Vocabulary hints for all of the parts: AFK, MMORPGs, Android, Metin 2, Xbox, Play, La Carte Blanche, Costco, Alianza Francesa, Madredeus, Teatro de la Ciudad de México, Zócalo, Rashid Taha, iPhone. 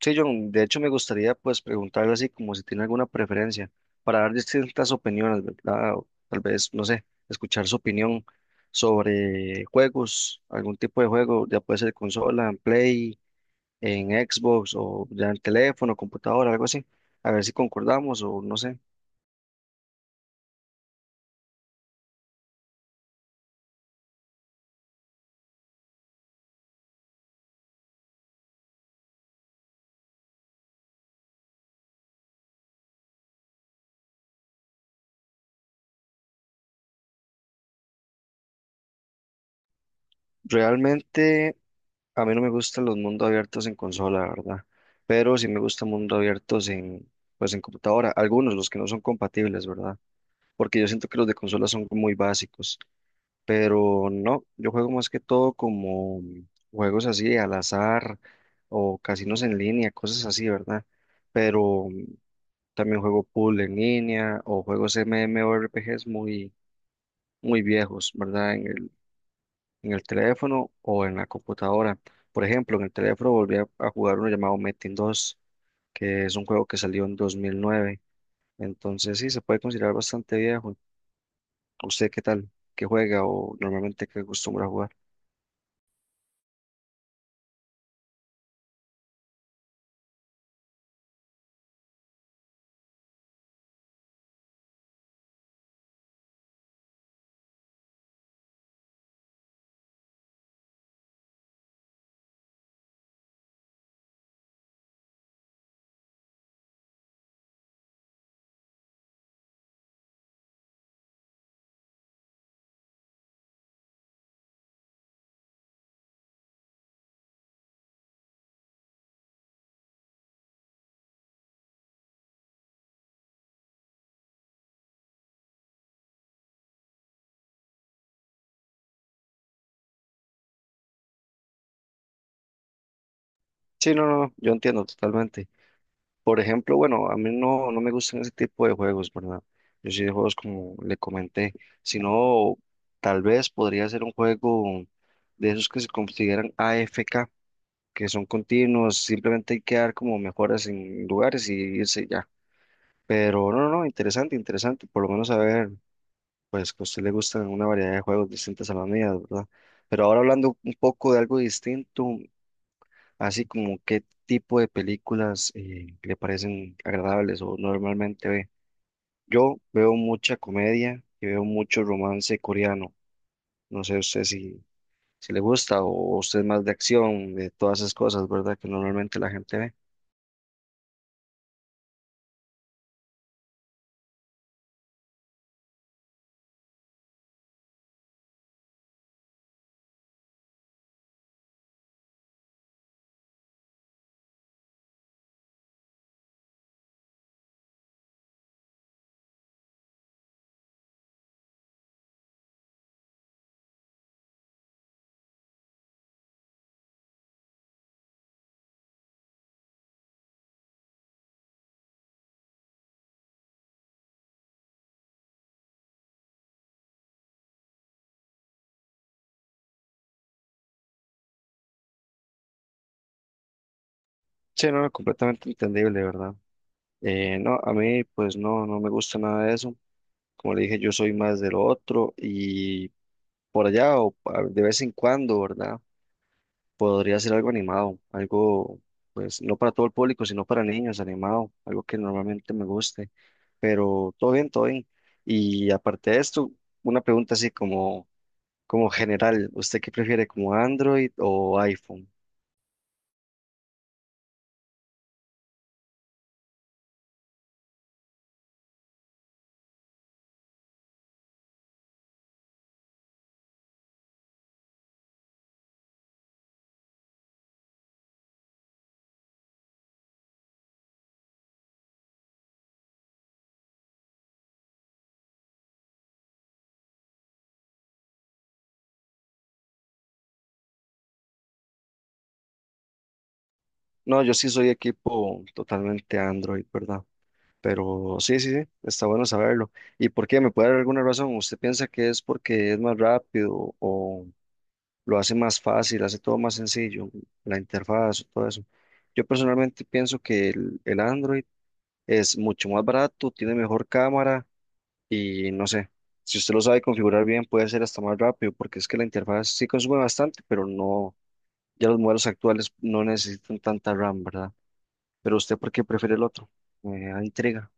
Sí, John, de hecho me gustaría pues preguntarle así como si tiene alguna preferencia para dar distintas opiniones, ¿verdad? O tal vez, no sé, escuchar su opinión sobre juegos, algún tipo de juego, ya puede ser consola, en Play, en Xbox o ya en teléfono, computadora, algo así. A ver si concordamos o no sé. Realmente a mí no me gustan los mundos abiertos en consola, ¿verdad? Pero sí me gustan mundos abiertos en pues en computadora, algunos los que no son compatibles, ¿verdad? Porque yo siento que los de consola son muy básicos, pero no, yo juego más que todo como juegos así al azar o casinos en línea, cosas así, ¿verdad? Pero también juego pool en línea o juegos MMORPGs muy, muy viejos, ¿verdad? En el teléfono o en la computadora. Por ejemplo, en el teléfono volví a jugar uno llamado Metin 2, que es un juego que salió en 2009, entonces sí, se puede considerar bastante viejo. ¿Usted qué tal? ¿Qué juega o normalmente qué acostumbra a jugar? Sí, no, no, no, yo entiendo totalmente. Por ejemplo, bueno, a mí no me gustan ese tipo de juegos, ¿verdad? Yo sí de juegos como le comenté, sino tal vez podría ser un juego de esos que se consideran AFK, que son continuos, simplemente hay que dar como mejoras en lugares y irse ya. Pero no, no, no, interesante, interesante, por lo menos saber. Pues que a usted le gustan una variedad de juegos distintas a las mías, ¿verdad? Pero ahora hablando un poco de algo distinto, así como qué tipo de películas le parecen agradables o normalmente ve. Yo veo mucha comedia y veo mucho romance coreano. No sé usted si le gusta o usted es más de acción, de todas esas cosas, ¿verdad? Que normalmente la gente ve. Sí, no, no, completamente entendible, ¿verdad? No, a mí pues no me gusta nada de eso. Como le dije, yo soy más del otro y por allá o de vez en cuando, ¿verdad? Podría ser algo animado, algo, pues, no para todo el público, sino para niños, animado, algo que normalmente me guste. Pero todo bien, todo bien. Y aparte de esto, una pregunta así como general, ¿usted qué prefiere, como Android o iPhone? No, yo sí soy equipo totalmente Android, ¿verdad? Pero sí, sí, sí, está bueno saberlo. ¿Y por qué? ¿Me puede dar alguna razón? ¿Usted piensa que es porque es más rápido o lo hace más fácil, hace todo más sencillo, la interfaz, todo eso? Yo personalmente pienso que el Android es mucho más barato, tiene mejor cámara y no sé, si usted lo sabe configurar bien puede ser hasta más rápido, porque es que la interfaz sí consume bastante, pero no, ya los modelos actuales no necesitan tanta RAM, ¿verdad? Pero usted, ¿por qué prefiere el otro? Me da intriga.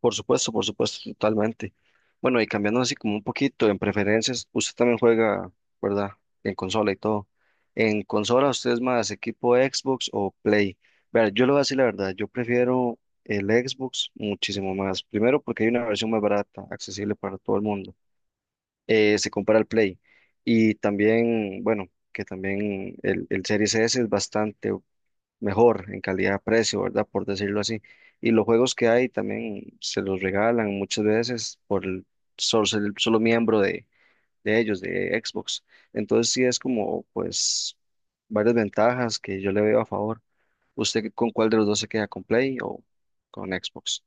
Por supuesto, totalmente. Bueno, y cambiando así como un poquito en preferencias, usted también juega, ¿verdad? En consola y todo. En consola, ¿usted es más equipo Xbox o Play? Ver, yo le voy a decir la verdad, yo prefiero el Xbox muchísimo más. Primero porque hay una versión más barata, accesible para todo el mundo. Se compara al Play. Y también, bueno, que también el Series S es bastante mejor en calidad-precio, ¿verdad? Por decirlo así. Y los juegos que hay también se los regalan muchas veces por el solo, ser el solo miembro de ellos, de Xbox. Entonces sí es como, pues, varias ventajas que yo le veo a favor. ¿Usted con cuál de los dos se queda, con Play o con Xbox?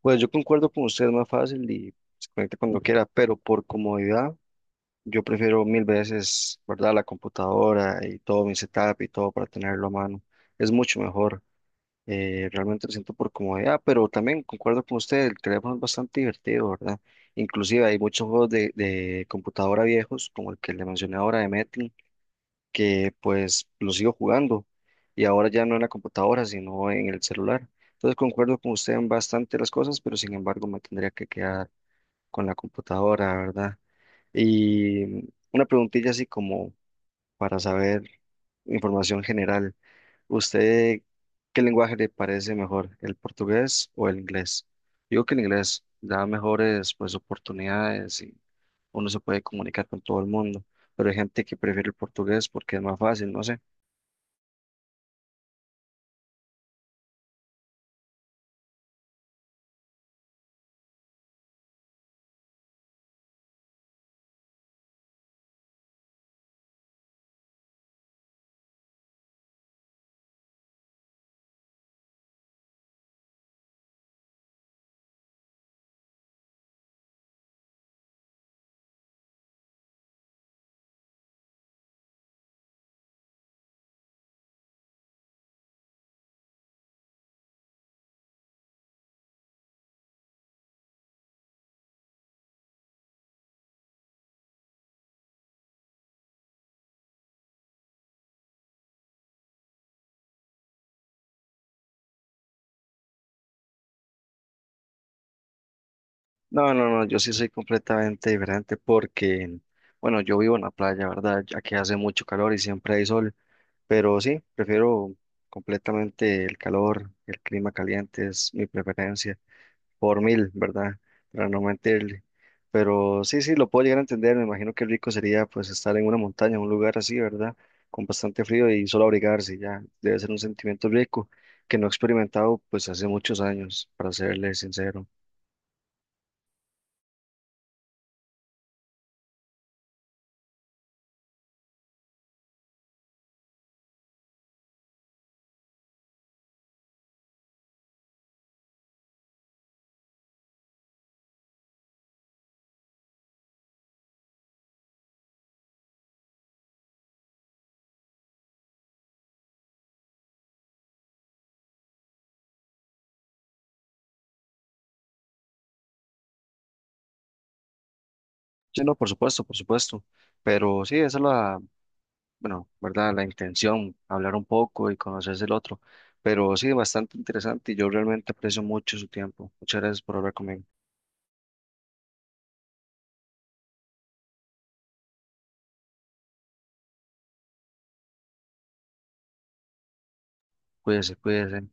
Pues yo concuerdo con usted, es más fácil y se conecta cuando quiera, pero por comodidad yo prefiero mil veces, ¿verdad? La computadora y todo mi setup y todo para tenerlo a mano. Es mucho mejor. Realmente lo siento por comodidad, pero también concuerdo con usted, el teléfono es bastante divertido, ¿verdad? Inclusive hay muchos juegos de computadora viejos, como el que le mencioné ahora de Metin, que pues lo sigo jugando y ahora ya no en la computadora, sino en el celular. Entonces concuerdo con usted en bastante las cosas, pero sin embargo me tendría que quedar con la computadora, ¿verdad? Y una preguntilla así como para saber información general. ¿Usted qué lenguaje le parece mejor, el portugués o el inglés? Digo que el inglés da mejores pues oportunidades y uno se puede comunicar con todo el mundo, pero hay gente que prefiere el portugués porque es más fácil, no sé. No, no, no, yo sí soy completamente diferente porque, bueno, yo vivo en la playa, ¿verdad? Aquí hace mucho calor y siempre hay sol, pero sí, prefiero completamente el calor, el clima caliente es mi preferencia. Por mil, ¿verdad? Para no mentirle. Pero sí, sí, lo puedo llegar a entender. Me imagino que rico sería pues estar en una montaña, en un lugar así, ¿verdad? Con bastante frío y solo abrigarse, ya. Debe ser un sentimiento rico que no he experimentado pues hace muchos años, para serle sincero. Sí, no, por supuesto, por supuesto. Pero sí, esa es la, bueno, ¿verdad? La intención, hablar un poco y conocerse el otro. Pero sí, bastante interesante y yo realmente aprecio mucho su tiempo. Muchas gracias por hablar conmigo. Cuídese, cuídese.